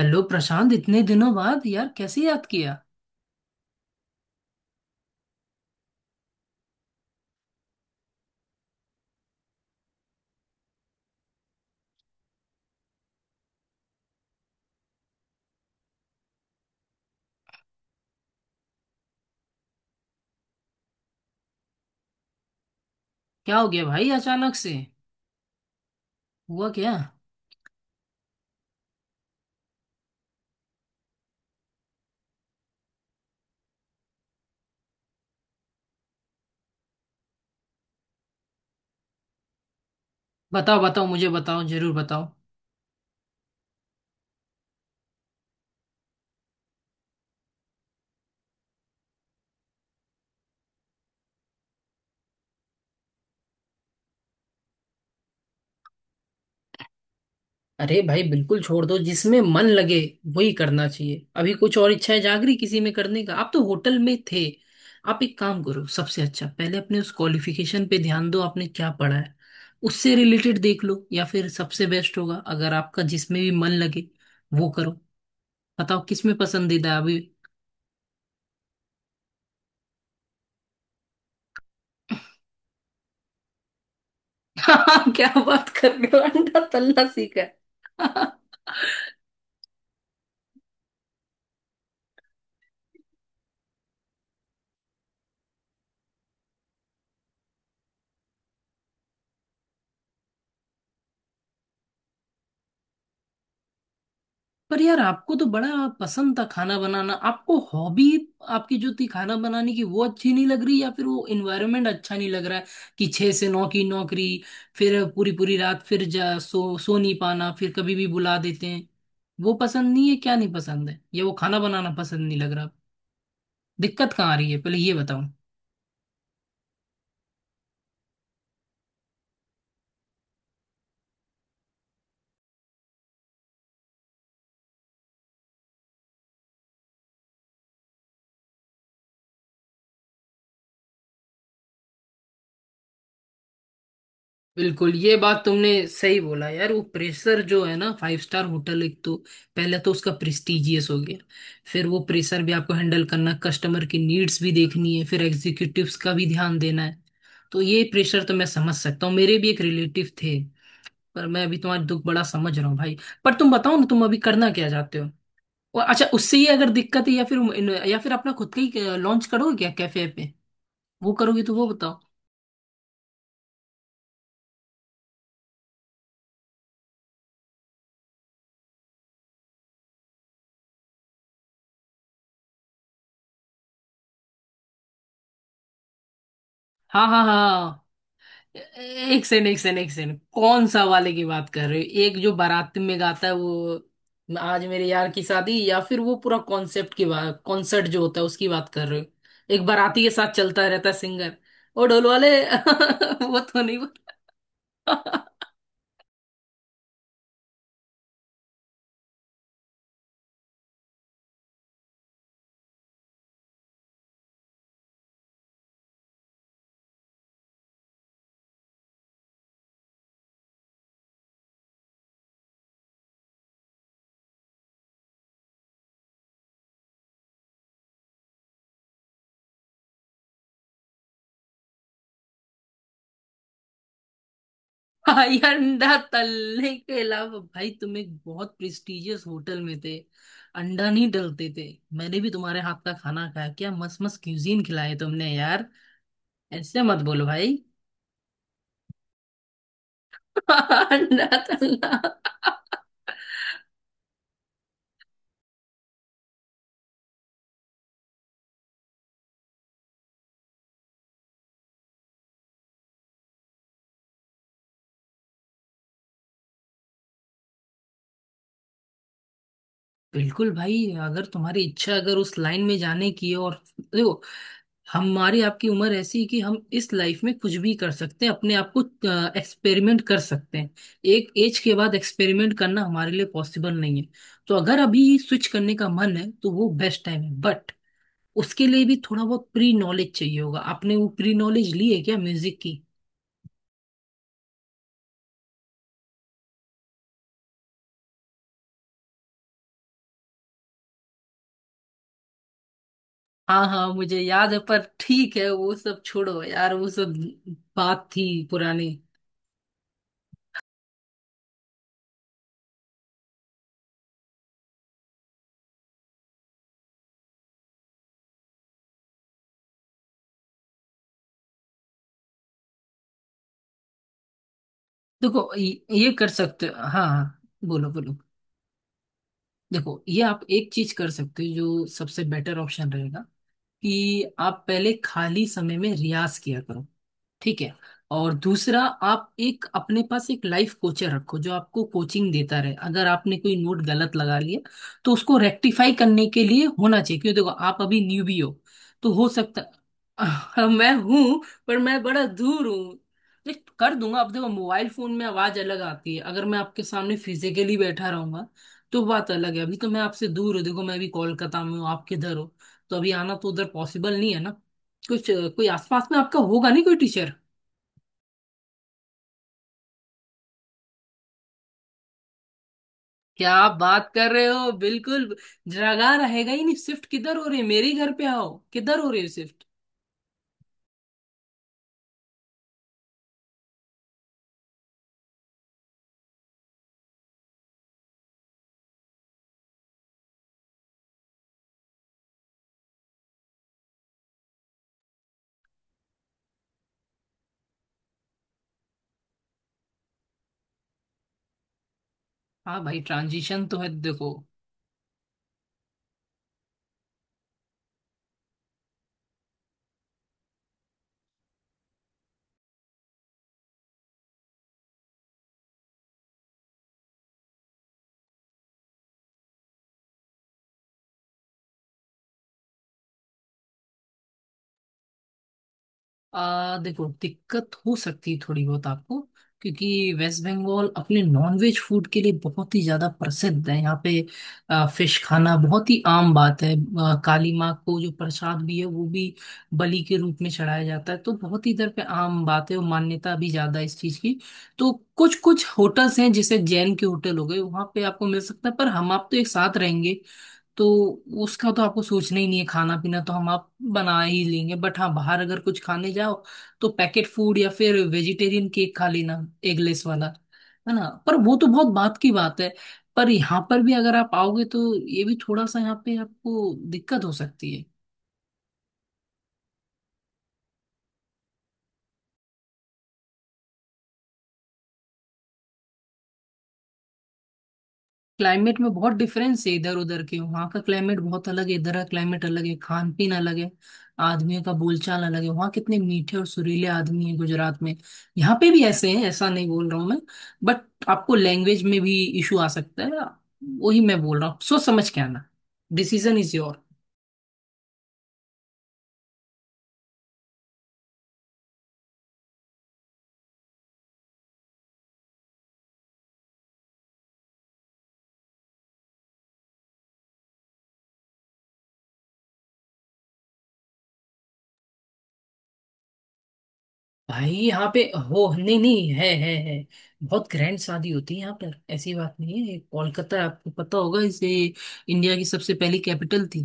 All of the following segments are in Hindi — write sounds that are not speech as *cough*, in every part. हेलो प्रशांत, इतने दिनों बाद यार, कैसे याद किया? क्या हो गया भाई, अचानक से? हुआ क्या? बताओ, बताओ, मुझे बताओ, जरूर बताओ। अरे भाई, बिल्कुल छोड़ दो, जिसमें मन लगे वही करना चाहिए। अभी कुछ और इच्छाएं जाग रही किसी में करने का, आप तो होटल में थे। आप एक काम करो, सबसे अच्छा, पहले अपने उस क्वालिफिकेशन पे ध्यान दो, आपने क्या पढ़ा है। उससे रिलेटेड देख लो, या फिर सबसे बेस्ट होगा अगर आपका जिसमें भी मन लगे वो करो। बताओ, किसमें पसंदीदा है अभी? हाँ, क्या बात कर रहे हो, अंडा तलना सीखा है। पर यार, आपको तो बड़ा पसंद था खाना बनाना, आपको हॉबी। आपकी जो थी खाना बनाने की वो अच्छी नहीं लग रही, या फिर वो एनवायरनमेंट अच्छा नहीं लग रहा है, कि 6 से 9 की नौकरी, फिर पूरी पूरी रात, फिर जा सो नहीं पाना, फिर कभी भी बुला देते हैं। वो पसंद नहीं है, क्या नहीं पसंद है, या वो खाना बनाना पसंद नहीं लग रहा? दिक्कत कहाँ आ रही है, पहले ये बताओ? बिल्कुल, ये बात तुमने सही बोला यार, वो प्रेशर जो है ना, फाइव स्टार होटल, एक तो पहले तो उसका प्रेस्टिजियस हो गया। फिर वो प्रेशर भी आपको हैंडल करना, कस्टमर की नीड्स भी देखनी है, फिर एग्जीक्यूटिव्स का भी ध्यान देना है। तो ये प्रेशर तो मैं समझ सकता हूँ, मेरे भी एक रिलेटिव थे। पर मैं अभी तुम्हारा दुख बड़ा समझ रहा हूँ भाई। पर तुम बताओ ना, तुम अभी करना क्या चाहते हो? और अच्छा, उससे ही अगर दिक्कत है, या फिर अपना खुद का ही लॉन्च करोगे क्या, कैफे पे? वो करोगे तो वो बताओ। हाँ, हाँ, हाँ, हाँ। एक सेकंड, एक सेकंड, एक सेकंड, कौन सा वाले की बात कर रहे हो, एक जो बारात में गाता है वो? आज मेरे यार की शादी, या फिर वो पूरा कॉन्सेप्ट की बात, कॉन्सर्ट जो होता है उसकी बात कर रहे हो? एक बाराती के साथ चलता रहता है सिंगर। वो ढोल वाले *laughs* वो तो नहीं बोला। भाई, अंडा तलने के अलावा, भाई तुम एक बहुत प्रेस्टिजियस होटल में थे, अंडा नहीं डलते थे। मैंने भी तुम्हारे हाथ का खाना खाया, क्या मस्त मस्त क्यूजीन खिलाए तुमने यार। ऐसे मत बोलो भाई। *laughs* अंडा तलना। बिल्कुल भाई, अगर तुम्हारी इच्छा, अगर उस लाइन में जाने की है, और देखो, हमारी आपकी उम्र ऐसी है कि हम इस लाइफ में कुछ भी कर सकते हैं, अपने आप को एक्सपेरिमेंट कर सकते हैं। एक एज के बाद एक्सपेरिमेंट करना हमारे लिए पॉसिबल नहीं है। तो अगर अभी स्विच करने का मन है तो वो बेस्ट टाइम है, बट उसके लिए भी थोड़ा बहुत प्री नॉलेज चाहिए होगा, आपने वो प्री नॉलेज ली है क्या, म्यूजिक? हाँ, हाँ, मुझे याद है, पर ठीक है वो सब छोड़ो यार, वो सब बात थी पुरानी। देखो, ये कर सकते हो। हाँ, हाँ, बोलो, बोलो। देखो, ये आप एक चीज कर सकते हो जो सबसे बेटर ऑप्शन रहेगा, कि आप पहले खाली समय में रियाज किया करो, ठीक है। और दूसरा, आप एक अपने पास एक लाइफ कोचर रखो, जो आपको कोचिंग देता रहे, अगर आपने कोई नोट गलत लगा लिया तो उसको रेक्टिफाई करने के लिए होना चाहिए। क्यों, देखो आप अभी न्यूबी हो। तो हो सकता। *laughs* मैं हूं। पर मैं बड़ा दूर हूं। देख, कर दूंगा। अब देखो, मोबाइल फोन में आवाज अलग आती है, अगर मैं आपके सामने फिजिकली बैठा रहूंगा तो बात अलग है, अभी तो मैं आपसे दूर हूँ, देखो मैं अभी कोलकाता में हूँ, आप किधर हो? तो अभी आना तो उधर पॉसिबल नहीं है ना। कुछ कोई आसपास में आपका होगा नहीं, कोई टीचर? क्या आप बात कर रहे हो, बिल्कुल! जगह रहेगा ही नहीं, शिफ्ट किधर हो रही है, मेरे ही घर पे आओ, किधर हो रही है शिफ्ट? हाँ भाई, ट्रांजिशन तो है, देखो। देखो, दिक्कत हो सकती है थोड़ी बहुत आपको। क्योंकि वेस्ट बंगाल अपने नॉनवेज फूड के लिए बहुत ही ज्यादा प्रसिद्ध है यहाँ पे। फिश खाना बहुत ही आम बात है। काली माँ को जो प्रसाद भी है वो भी बलि के रूप में चढ़ाया जाता है, तो बहुत ही इधर पे आम बात है, और मान्यता भी ज्यादा है इस चीज की। तो कुछ कुछ होटल्स हैं, जैसे जैन के होटल हो गए, वहां पे आपको मिल सकता है, पर हम आप तो एक साथ रहेंगे। तो उसका तो आपको सोचना ही नहीं है, खाना पीना तो हम आप बना ही लेंगे। बट हाँ, बाहर अगर कुछ खाने जाओ तो पैकेट फूड, या फिर वेजिटेरियन केक खा लेना, एगलेस वाला, है ना। पर वो तो बहुत बात की बात है। पर यहाँ पर भी अगर आप आओगे तो ये भी थोड़ा सा यहाँ पे आपको दिक्कत हो सकती है। क्लाइमेट में बहुत डिफरेंस है इधर उधर के, वहाँ का क्लाइमेट बहुत अलग है, इधर का क्लाइमेट अलग है, खान पीन अलग है। आदमियों का बोलचाल अलग है, वहाँ कितने मीठे और सुरीले आदमी हैं गुजरात में, यहाँ पे भी ऐसे हैं, ऐसा नहीं बोल रहा हूँ मैं। बट आपको लैंग्वेज में भी इशू आ सकता है, वही मैं बोल रहा हूँ, सोच समझ के आना, डिसीजन इज योर। भाई यहाँ पे हो, नहीं नहीं, है, है, है, बहुत ग्रैंड शादी होती है यहाँ पर, ऐसी बात नहीं है। कोलकाता, आपको पता होगा, इसे इंडिया की सबसे पहली कैपिटल थी।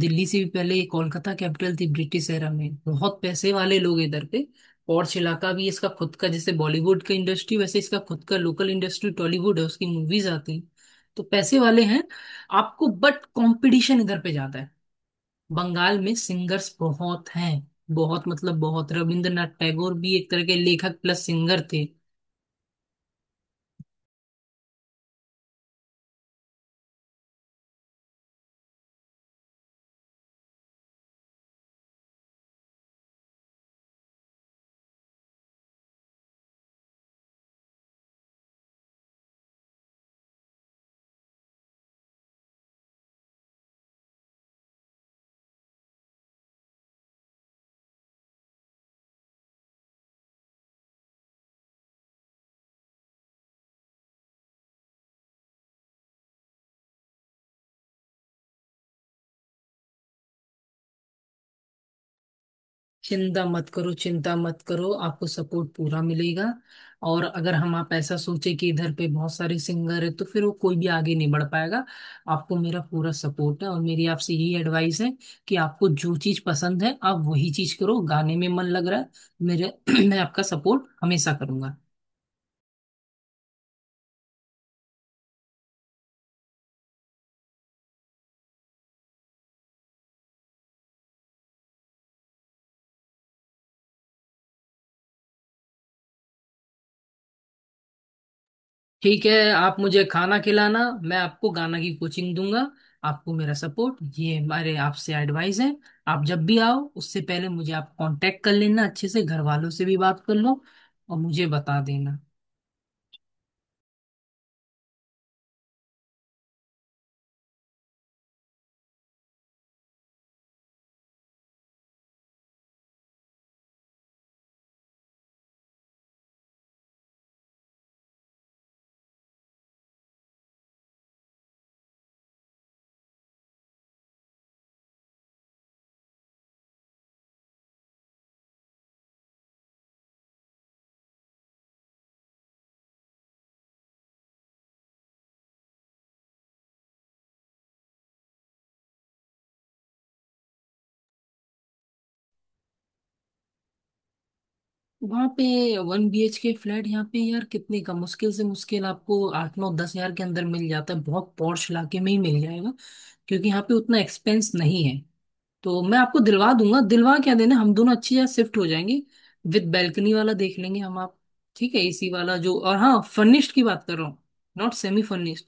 दिल्ली से भी पहले ये कोलकाता कैपिटल थी, ब्रिटिश एरा में बहुत पैसे वाले लोग इधर पे। पॉर्च इलाका भी इसका खुद का, जैसे बॉलीवुड का इंडस्ट्री, वैसे इसका खुद का लोकल इंडस्ट्री टॉलीवुड है, उसकी मूवीज आती हैं, तो पैसे वाले हैं आपको, बट कंपटीशन इधर पे ज्यादा है, बंगाल में सिंगर्स बहुत हैं, बहुत मतलब बहुत, रविंद्रनाथ टैगोर भी एक तरह के लेखक प्लस सिंगर थे। चिंता मत करो, चिंता मत करो, आपको सपोर्ट पूरा मिलेगा। और अगर हम आप ऐसा सोचे कि इधर पे बहुत सारे सिंगर है तो फिर वो कोई भी आगे नहीं बढ़ पाएगा। आपको मेरा पूरा सपोर्ट है, और मेरी आपसे यही एडवाइस है कि आपको जो चीज पसंद है आप वही चीज करो, गाने में मन लग रहा है मेरे। *clears throat* मैं आपका सपोर्ट हमेशा करूंगा। ठीक है, आप मुझे खाना खिलाना, मैं आपको गाना की कोचिंग दूंगा। आपको मेरा सपोर्ट, ये हमारे आपसे एडवाइस है। आप जब भी आओ उससे पहले मुझे आप कांटेक्ट कर लेना, अच्छे से घर वालों से भी बात कर लो, और मुझे बता देना। वहाँ पे 1 BHK फ्लैट यहाँ पे यार कितने का, मुश्किल से मुश्किल आपको 8-9-10 हजार के अंदर मिल जाता है, बहुत पॉश इलाके में ही मिल जाएगा, क्योंकि यहाँ पे उतना एक्सपेंस नहीं है। तो मैं आपको दिलवा दूंगा, दिलवा क्या देना, हम दोनों अच्छी जगह शिफ्ट हो जाएंगे। विद बैल्कनी वाला देख लेंगे हम आप, ठीक है, एसी वाला जो, और हाँ, फर्निश्ड की बात कर रहा हूँ, नॉट सेमी फर्निश्ड।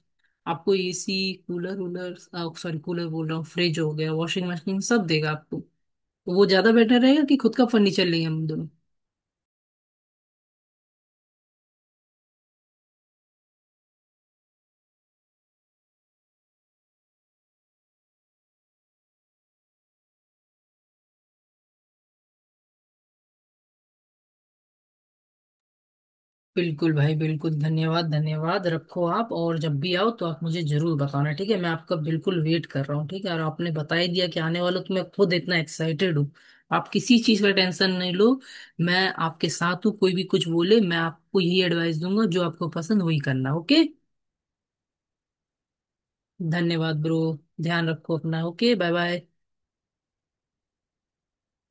आपको एसी कूलर वूलर, सॉरी, कूलर बोल रहा हूँ, फ्रिज हो गया, वॉशिंग मशीन, सब देगा आपको। तो वो ज्यादा बेटर रहेगा कि खुद का फर्नीचर लेंगे हम दोनों। बिल्कुल भाई, बिल्कुल, धन्यवाद, धन्यवाद, रखो आप, और जब भी आओ तो आप मुझे जरूर बताना, ठीक है, मैं आपका बिल्कुल वेट कर रहा हूँ, ठीक है, और आपने बता ही दिया कि आने वाला, तो मैं खुद इतना एक्साइटेड हूँ। आप किसी चीज का टेंशन नहीं लो। मैं आपके साथ हूँ, कोई भी कुछ बोले, मैं आपको यही एडवाइस दूंगा, जो आपको पसंद वही करना, ओके। धन्यवाद ब्रो। ध्यान रखो अपना, ओके, बाय बाय।